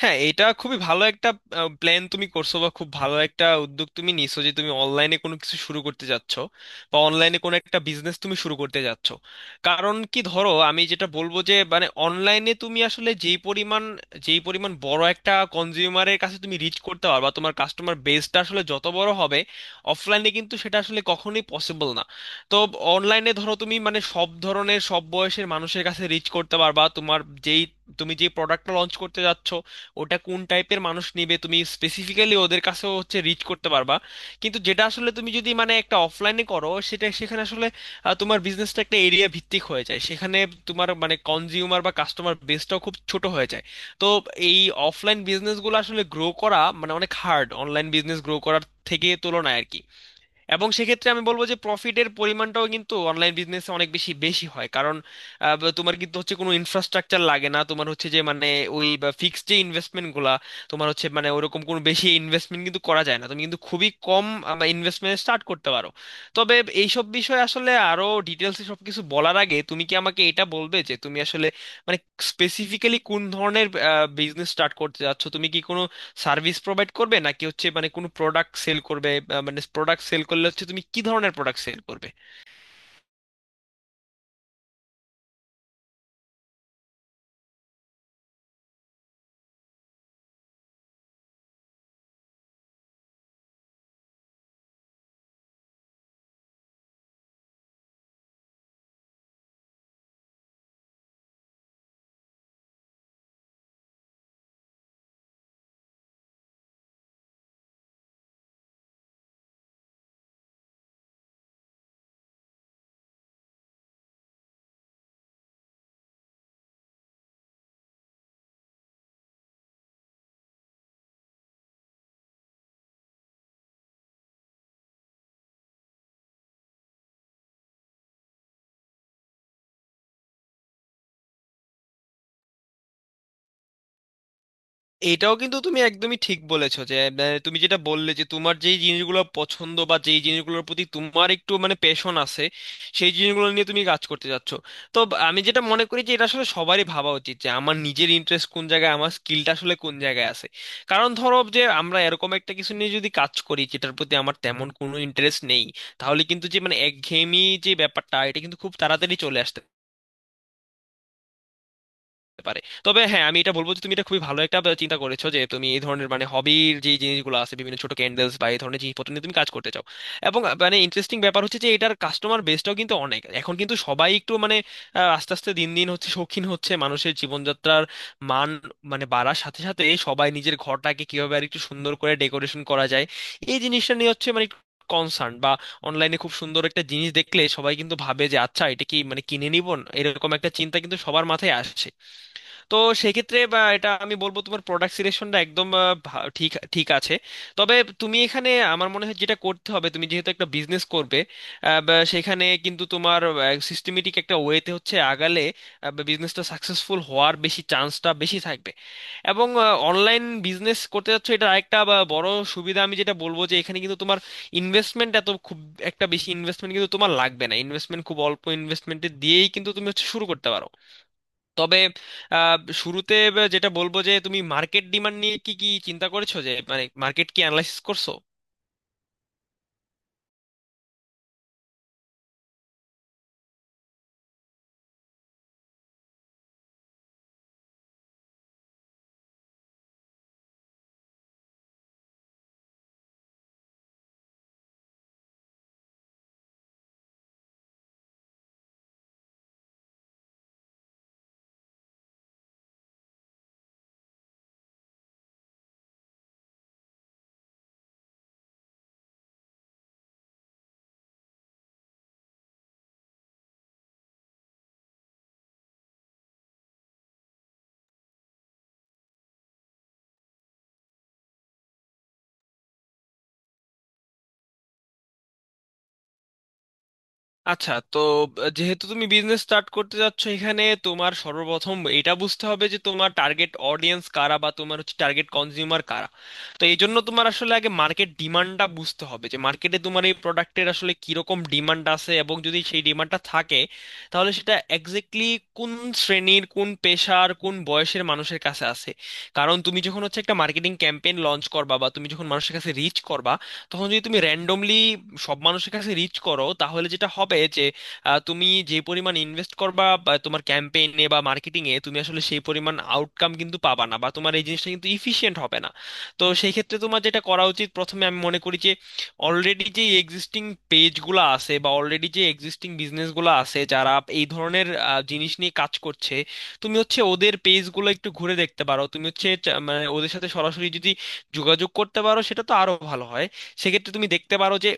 হ্যাঁ, এটা খুবই ভালো একটা প্ল্যান তুমি করছো, বা খুব ভালো একটা উদ্যোগ তুমি নিছো যে তুমি অনলাইনে কোনো কিছু শুরু করতে যাচ্ছ বা অনলাইনে কোনো একটা বিজনেস তুমি শুরু করতে যাচ্ছ। কারণ কি ধরো, আমি যেটা বলবো যে মানে অনলাইনে তুমি আসলে যেই পরিমাণ বড় একটা কনজিউমারের কাছে তুমি রিচ করতে পারবা, তোমার কাস্টমার বেসটা আসলে যত বড় হবে অফলাইনে কিন্তু সেটা আসলে কখনোই পসিবল না। তো অনলাইনে ধরো তুমি মানে সব ধরনের সব বয়সের মানুষের কাছে রিচ করতে পারবা, তোমার যেই তুমি যে প্রোডাক্টটা লঞ্চ করতে যাচ্ছ ওটা কোন টাইপের মানুষ নেবে তুমি স্পেসিফিক্যালি ওদের কাছেও হচ্ছে রিচ করতে পারবা। কিন্তু যেটা আসলে তুমি যদি মানে একটা অফলাইনে করো সেটা সেখানে আসলে তোমার বিজনেসটা একটা এরিয়া ভিত্তিক হয়ে যায়, সেখানে তোমার মানে কনজিউমার বা কাস্টমার বেসটাও খুব ছোট হয়ে যায়। তো এই অফলাইন বিজনেসগুলো আসলে গ্রো করা মানে অনেক হার্ড অনলাইন বিজনেস গ্রো করার থেকে তুলনায় আর কি। এবং সেক্ষেত্রে আমি বলবো যে প্রফিটের পরিমাণটাও কিন্তু অনলাইন বিজনেসে অনেক বেশি বেশি হয়, কারণ তোমার কিন্তু হচ্ছে কোনো ইনফ্রাস্ট্রাকচার লাগে না, তোমার হচ্ছে যে মানে ওই ফিক্সড যে ইনভেস্টমেন্ট গুলা তোমার হচ্ছে মানে ওরকম কোনো বেশি ইনভেস্টমেন্ট কিন্তু করা যায় না, তুমি কিন্তু খুবই কম ইনভেস্টমেন্ট স্টার্ট করতে পারো। তবে এইসব বিষয়ে আসলে আরো ডিটেলসে সবকিছু বলার আগে তুমি কি আমাকে এটা বলবে যে তুমি আসলে মানে স্পেসিফিক্যালি কোন ধরনের বিজনেস স্টার্ট করতে যাচ্ছ? তুমি কি কোনো সার্ভিস প্রোভাইড করবে, নাকি হচ্ছে মানে কোনো প্রোডাক্ট সেল করবে? মানে প্রোডাক্ট সেল করলে হচ্ছে তুমি কি ধরনের প্রোডাক্ট সেল করবে? এটাও কিন্তু তুমি একদমই ঠিক বলেছো, যে তুমি যেটা বললে যে তোমার যেই জিনিসগুলো পছন্দ বা যেই জিনিসগুলোর প্রতি তোমার একটু মানে প্যাশন আছে সেই জিনিসগুলো নিয়ে তুমি কাজ করতে যাচ্ছ। তো আমি যেটা মনে করি যে এটা আসলে সবারই ভাবা উচিত, যে আমার নিজের ইন্টারেস্ট কোন জায়গায়, আমার স্কিলটা আসলে কোন জায়গায় আছে। কারণ ধরো যে আমরা এরকম একটা কিছু নিয়ে যদি কাজ করি যেটার প্রতি আমার তেমন কোনো ইন্টারেস্ট নেই, তাহলে কিন্তু যে মানে একঘেয়েমি যে ব্যাপারটা এটা কিন্তু খুব তাড়াতাড়ি চলে আসতে করতে পারে। তবে হ্যাঁ, আমি এটা বলবো যে তুমি এটা খুবই ভালো একটা চিন্তা করেছো, যে তুমি এই ধরনের মানে হবির যে জিনিসগুলো আছে বিভিন্ন ছোট ক্যান্ডেলস বা এই ধরনের জিনিসপত্র নিয়ে তুমি কাজ করতে চাও। এবং মানে ইন্টারেস্টিং ব্যাপার হচ্ছে যে এটার কাস্টমার বেসটাও কিন্তু অনেক, এখন কিন্তু সবাই একটু মানে আস্তে আস্তে দিন দিন হচ্ছে শৌখিন হচ্ছে, মানুষের জীবনযাত্রার মান মানে বাড়ার সাথে সাথে সবাই নিজের ঘরটাকে কিভাবে আর একটু সুন্দর করে ডেকোরেশন করা যায় এই জিনিসটা নিয়ে হচ্ছে মানে কনসার্ন, বা অনলাইনে খুব সুন্দর একটা জিনিস দেখলে সবাই কিন্তু ভাবে যে আচ্ছা এটা কি মানে কিনে নিব, এরকম একটা চিন্তা কিন্তু সবার মাথায় আসে। তো সেক্ষেত্রে বা এটা আমি বলবো তোমার প্রোডাক্ট সিলেকশনটা একদম ঠিক ঠিক আছে। তবে তুমি এখানে আমার মনে হয় যেটা করতে হবে, তুমি যেহেতু একটা বিজনেস করবে বা সেখানে কিন্তু তোমার সিস্টেমেটিক একটা ওয়েতে হচ্ছে আগালে বিজনেসটা সাকসেসফুল হওয়ার বেশি চান্সটা বেশি থাকবে। এবং অনলাইন বিজনেস করতে যাচ্ছ এটা একটা বড় সুবিধা, আমি যেটা বলবো যে এখানে কিন্তু তোমার ইনভেস্টমেন্ট এত খুব একটা বেশি ইনভেস্টমেন্ট কিন্তু তোমার লাগবে না, ইনভেস্টমেন্ট খুব অল্প ইনভেস্টমেন্টে দিয়েই কিন্তু তুমি হচ্ছে শুরু করতে পারো। তবে আহ, শুরুতে যেটা বলবো যে তুমি মার্কেট ডিমান্ড নিয়ে কি কি চিন্তা করেছো, যে মানে মার্কেট কি অ্যানালাইসিস করছো? আচ্ছা তো যেহেতু তুমি বিজনেস স্টার্ট করতে যাচ্ছ, এখানে তোমার সর্বপ্রথম এটা বুঝতে হবে যে তোমার টার্গেট অডিয়েন্স কারা, বা তোমার হচ্ছে টার্গেট কনজিউমার কারা। তো এই জন্য তোমার আসলে আগে মার্কেট ডিমান্ডটা বুঝতে হবে, যে মার্কেটে তোমার এই প্রোডাক্টের আসলে কিরকম ডিমান্ড আছে এবং যদি সেই ডিমান্ডটা থাকে তাহলে সেটা এক্স্যাক্টলি কোন শ্রেণীর, কোন পেশার, কোন বয়সের মানুষের কাছে আছে। কারণ তুমি যখন হচ্ছে একটা মার্কেটিং ক্যাম্পেইন লঞ্চ করবা বা তুমি যখন মানুষের কাছে রিচ করবা, তখন যদি তুমি র্যান্ডমলি সব মানুষের কাছে রিচ করো তাহলে যেটা হবে যে তুমি যে পরিমাণ ইনভেস্ট করবা বা তোমার ক্যাম্পেইনে বা মার্কেটিং এ, তুমি আসলে সেই পরিমাণ আউটকাম কিন্তু পাবা না, বা তোমার এই জিনিসটা কিন্তু ইফিশিয়েন্ট হবে না। তো সেই ক্ষেত্রে তোমার যেটা করা উচিত প্রথমে, আমি মনে করি যে অলরেডি যে এক্সিস্টিং পেজগুলো আছে বা অলরেডি যে এক্সিস্টিং বিজনেসগুলো আছে যারা এই ধরনের জিনিস নিয়ে কাজ করছে, তুমি হচ্ছে ওদের পেজগুলো একটু ঘুরে দেখতে পারো। তুমি হচ্ছে মানে ওদের সাথে সরাসরি যদি যোগাযোগ করতে পারো সেটা তো আরো ভালো হয়। সেক্ষেত্রে তুমি দেখতে পারো যে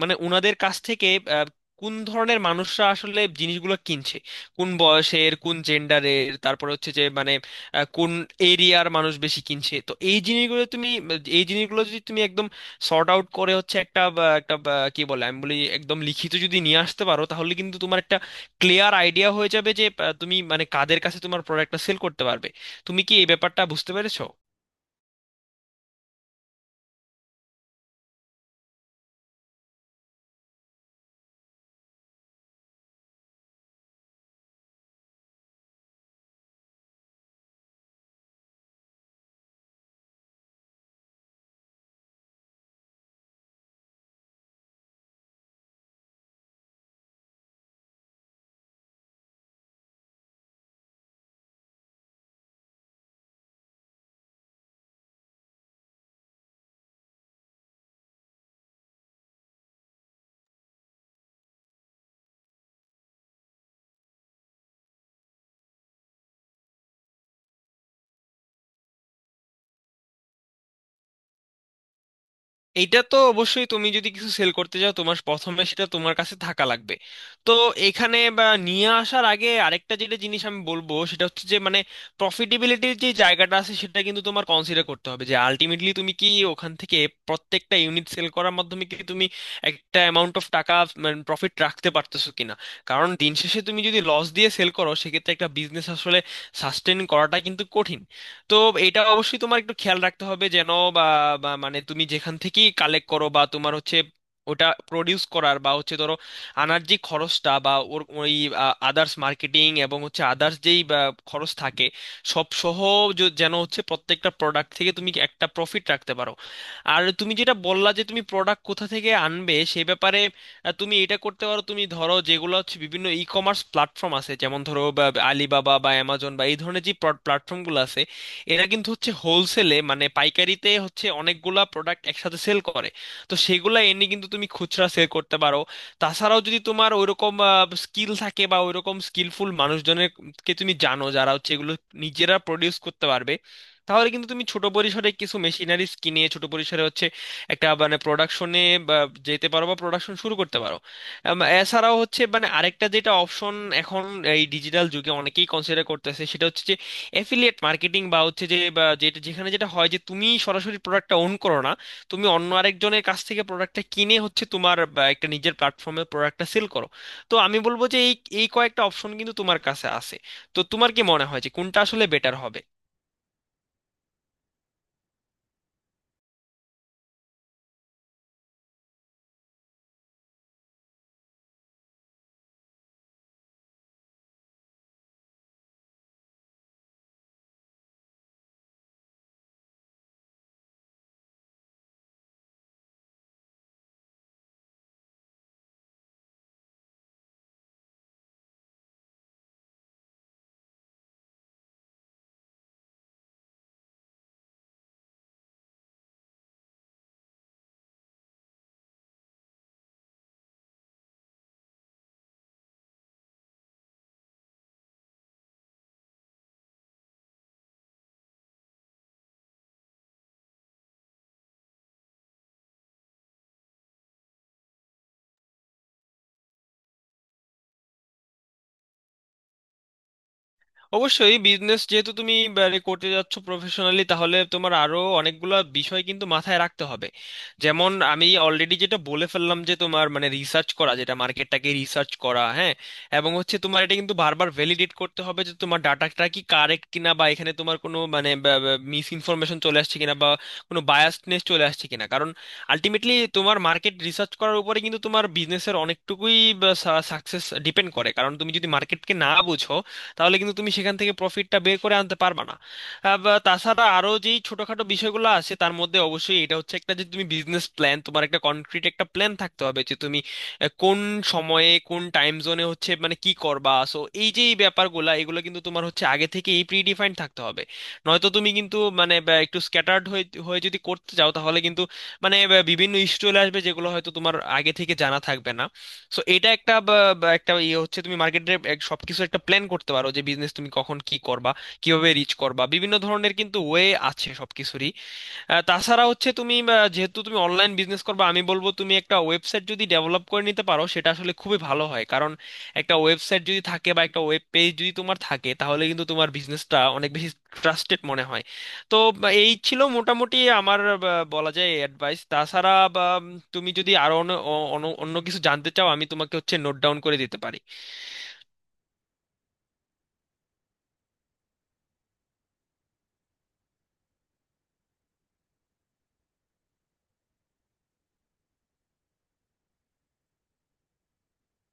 মানে ওনাদের কাছ থেকে আহ, কোন ধরনের মানুষরা আসলে জিনিসগুলো কিনছে, কোন বয়সের, কোন জেন্ডারের, তারপরে হচ্ছে যে মানে কোন এরিয়ার মানুষ বেশি কিনছে। তো এই জিনিসগুলো তুমি, এই জিনিসগুলো যদি তুমি একদম সর্ট আউট করে হচ্ছে একটা একটা কি বলে আমি বলি, একদম লিখিত যদি নিয়ে আসতে পারো তাহলে কিন্তু তোমার একটা ক্লিয়ার আইডিয়া হয়ে যাবে, যে তুমি মানে কাদের কাছে তোমার প্রোডাক্টটা সেল করতে পারবে। তুমি কি এই ব্যাপারটা বুঝতে পেরেছো? এইটা তো অবশ্যই, তুমি যদি কিছু সেল করতে চাও তোমার প্রথমে সেটা তোমার কাছে থাকা লাগবে। তো এখানে বা নিয়ে আসার আগে আরেকটা যেটা জিনিস আমি বলবো, সেটা হচ্ছে যে মানে প্রফিটেবিলিটির যে জায়গাটা আছে সেটা কিন্তু তোমার কনসিডার করতে হবে, যে আলটিমেটলি তুমি কি ওখান থেকে প্রত্যেকটা ইউনিট সেল করার মাধ্যমে কি তুমি একটা অ্যামাউন্ট অফ টাকা মানে প্রফিট রাখতে পারতেছো কিনা। কারণ দিন শেষে তুমি যদি লস দিয়ে সেল করো সেক্ষেত্রে একটা বিজনেস আসলে সাস্টেন করাটা কিন্তু কঠিন। তো এটা অবশ্যই তোমার একটু খেয়াল রাখতে হবে যেন বা বা মানে তুমি যেখান থেকেই কালেক্ট করো বা তোমার হচ্ছে ওটা প্রডিউস করার বা হচ্ছে ধরো আনার যে খরচটা বা ওর ওই আদার্স মার্কেটিং এবং হচ্ছে আদার্স যেই খরচ থাকে সব সহ যেন হচ্ছে প্রত্যেকটা প্রোডাক্ট থেকে তুমি একটা প্রফিট রাখতে পারো। আর তুমি যেটা বললা যে তুমি প্রোডাক্ট কোথা থেকে আনবে সে ব্যাপারে, তুমি এটা করতে পারো। তুমি ধরো যেগুলো হচ্ছে বিভিন্ন ই কমার্স প্ল্যাটফর্ম আছে যেমন ধরো আলিবাবা বা অ্যামাজন বা Alibaba বা Amazon বা এই ধরনের যে প্ল্যাটফর্মগুলো আছে, এরা কিন্তু হচ্ছে হোলসেলে মানে পাইকারিতে হচ্ছে অনেকগুলা প্রোডাক্ট একসাথে সেল করে। তো সেগুলা এনে কিন্তু তুমি খুচরা সেল করতে পারো। তাছাড়াও যদি তোমার ওইরকম স্কিল থাকে বা ওইরকম স্কিলফুল মানুষজনের কে তুমি জানো যারা হচ্ছে এগুলো নিজেরা প্রডিউস করতে পারবে, তাহলে কিন্তু তুমি ছোট পরিসরে কিছু মেশিনারিজ কিনে ছোট পরিসরে হচ্ছে একটা মানে প্রোডাকশনে যেতে পারো বা প্রোডাকশন শুরু করতে পারো। এছাড়াও হচ্ছে মানে আরেকটা যেটা অপশন এখন এই ডিজিটাল যুগে অনেকেই কনসিডার করতেছে অ্যাফিলিয়েট মার্কেটিং, বা হচ্ছে যে বা যেটা যেখানে যেটা হয় যে তুমি সরাসরি প্রোডাক্টটা ওন করো না, তুমি অন্য আরেকজনের কাছ থেকে প্রোডাক্টটা কিনে হচ্ছে তোমার বা একটা নিজের প্ল্যাটফর্মে প্রোডাক্টটা সেল করো। তো আমি বলবো যে এই এই কয়েকটা অপশন কিন্তু তোমার কাছে আছে। তো তোমার কি মনে হয় যে কোনটা আসলে বেটার হবে? অবশ্যই, বিজনেস যেহেতু তুমি মানে করতে যাচ্ছ প্রফেশনালি, তাহলে তোমার আরো অনেকগুলো বিষয় কিন্তু মাথায় রাখতে হবে। যেমন আমি অলরেডি যেটা বলে ফেললাম যে তোমার মানে রিসার্চ করা, যেটা মার্কেটটাকে রিসার্চ করা, হ্যাঁ। এবং হচ্ছে তোমার এটা কিন্তু বারবার ভ্যালিডেট করতে হবে যে তোমার ডাটাটা কি কারেক্ট কিনা, বা এখানে তোমার কোনো মানে মিস ইনফরমেশন চলে আসছে কিনা, বা কোনো বায়াসনেস চলে আসছে কিনা। কারণ আলটিমেটলি তোমার মার্কেট রিসার্চ করার উপরে কিন্তু তোমার বিজনেসের অনেকটুকুই সাকসেস ডিপেন্ড করে, কারণ তুমি যদি মার্কেটকে না বুঝো তাহলে কিন্তু তুমি সেখান থেকে প্রফিটটা বের করে আনতে পারবা না। বা তাছাড়া আরো যেই ছোটখাটো বিষয়গুলো আছে তার মধ্যে অবশ্যই এটা হচ্ছে একটা, যে তুমি বিজনেস প্ল্যান, তোমার একটা কনক্রিট একটা প্ল্যান থাকতে হবে যে তুমি কোন সময়ে, কোন টাইম জোনে হচ্ছে মানে কি করবা। সো এই যে এই ব্যাপারগুলা, এগুলো কিন্তু তোমার হচ্ছে আগে থেকে এই প্রিডিফাইন্ড থাকতে হবে। নয়তো তুমি কিন্তু মানে বা একটু স্ক্যাটার্ড হয়ে হয়ে যদি করতে যাও তাহলে কিন্তু মানে বা বিভিন্ন ইস্যু চলে আসবে যেগুলো হয়তো তোমার আগে থেকে জানা থাকবে না। সো এটা একটা বা একটা ইয়ে হচ্ছে, তুমি মার্কেটে সবকিছু একটা প্ল্যান করতে পারো যে বিজনেস তুমি কখন কি করবা, কিভাবে রিচ করবা। বিভিন্ন ধরনের কিন্তু ওয়ে আছে সবকিছুরই। তাছাড়া হচ্ছে তুমি যেহেতু তুমি অনলাইন বিজনেস করবে, আমি বলবো তুমি একটা ওয়েবসাইট যদি ডেভেলপ করে নিতে পারো সেটা আসলে খুবই ভালো হয়। কারণ একটা ওয়েবসাইট যদি থাকে বা একটা ওয়েব পেজ যদি তোমার থাকে তাহলে কিন্তু তোমার বিজনেসটা অনেক বেশি ট্রাস্টেড মনে হয়। তো বা, এই ছিল মোটামুটি আমার বা, বলা যায় অ্যাডভাইস। তাছাড়া বা, তুমি যদি আরো অন্য অন্য অন্য কিছু জানতে চাও আমি তোমাকে হচ্ছে নোট ডাউন করে দিতে পারি।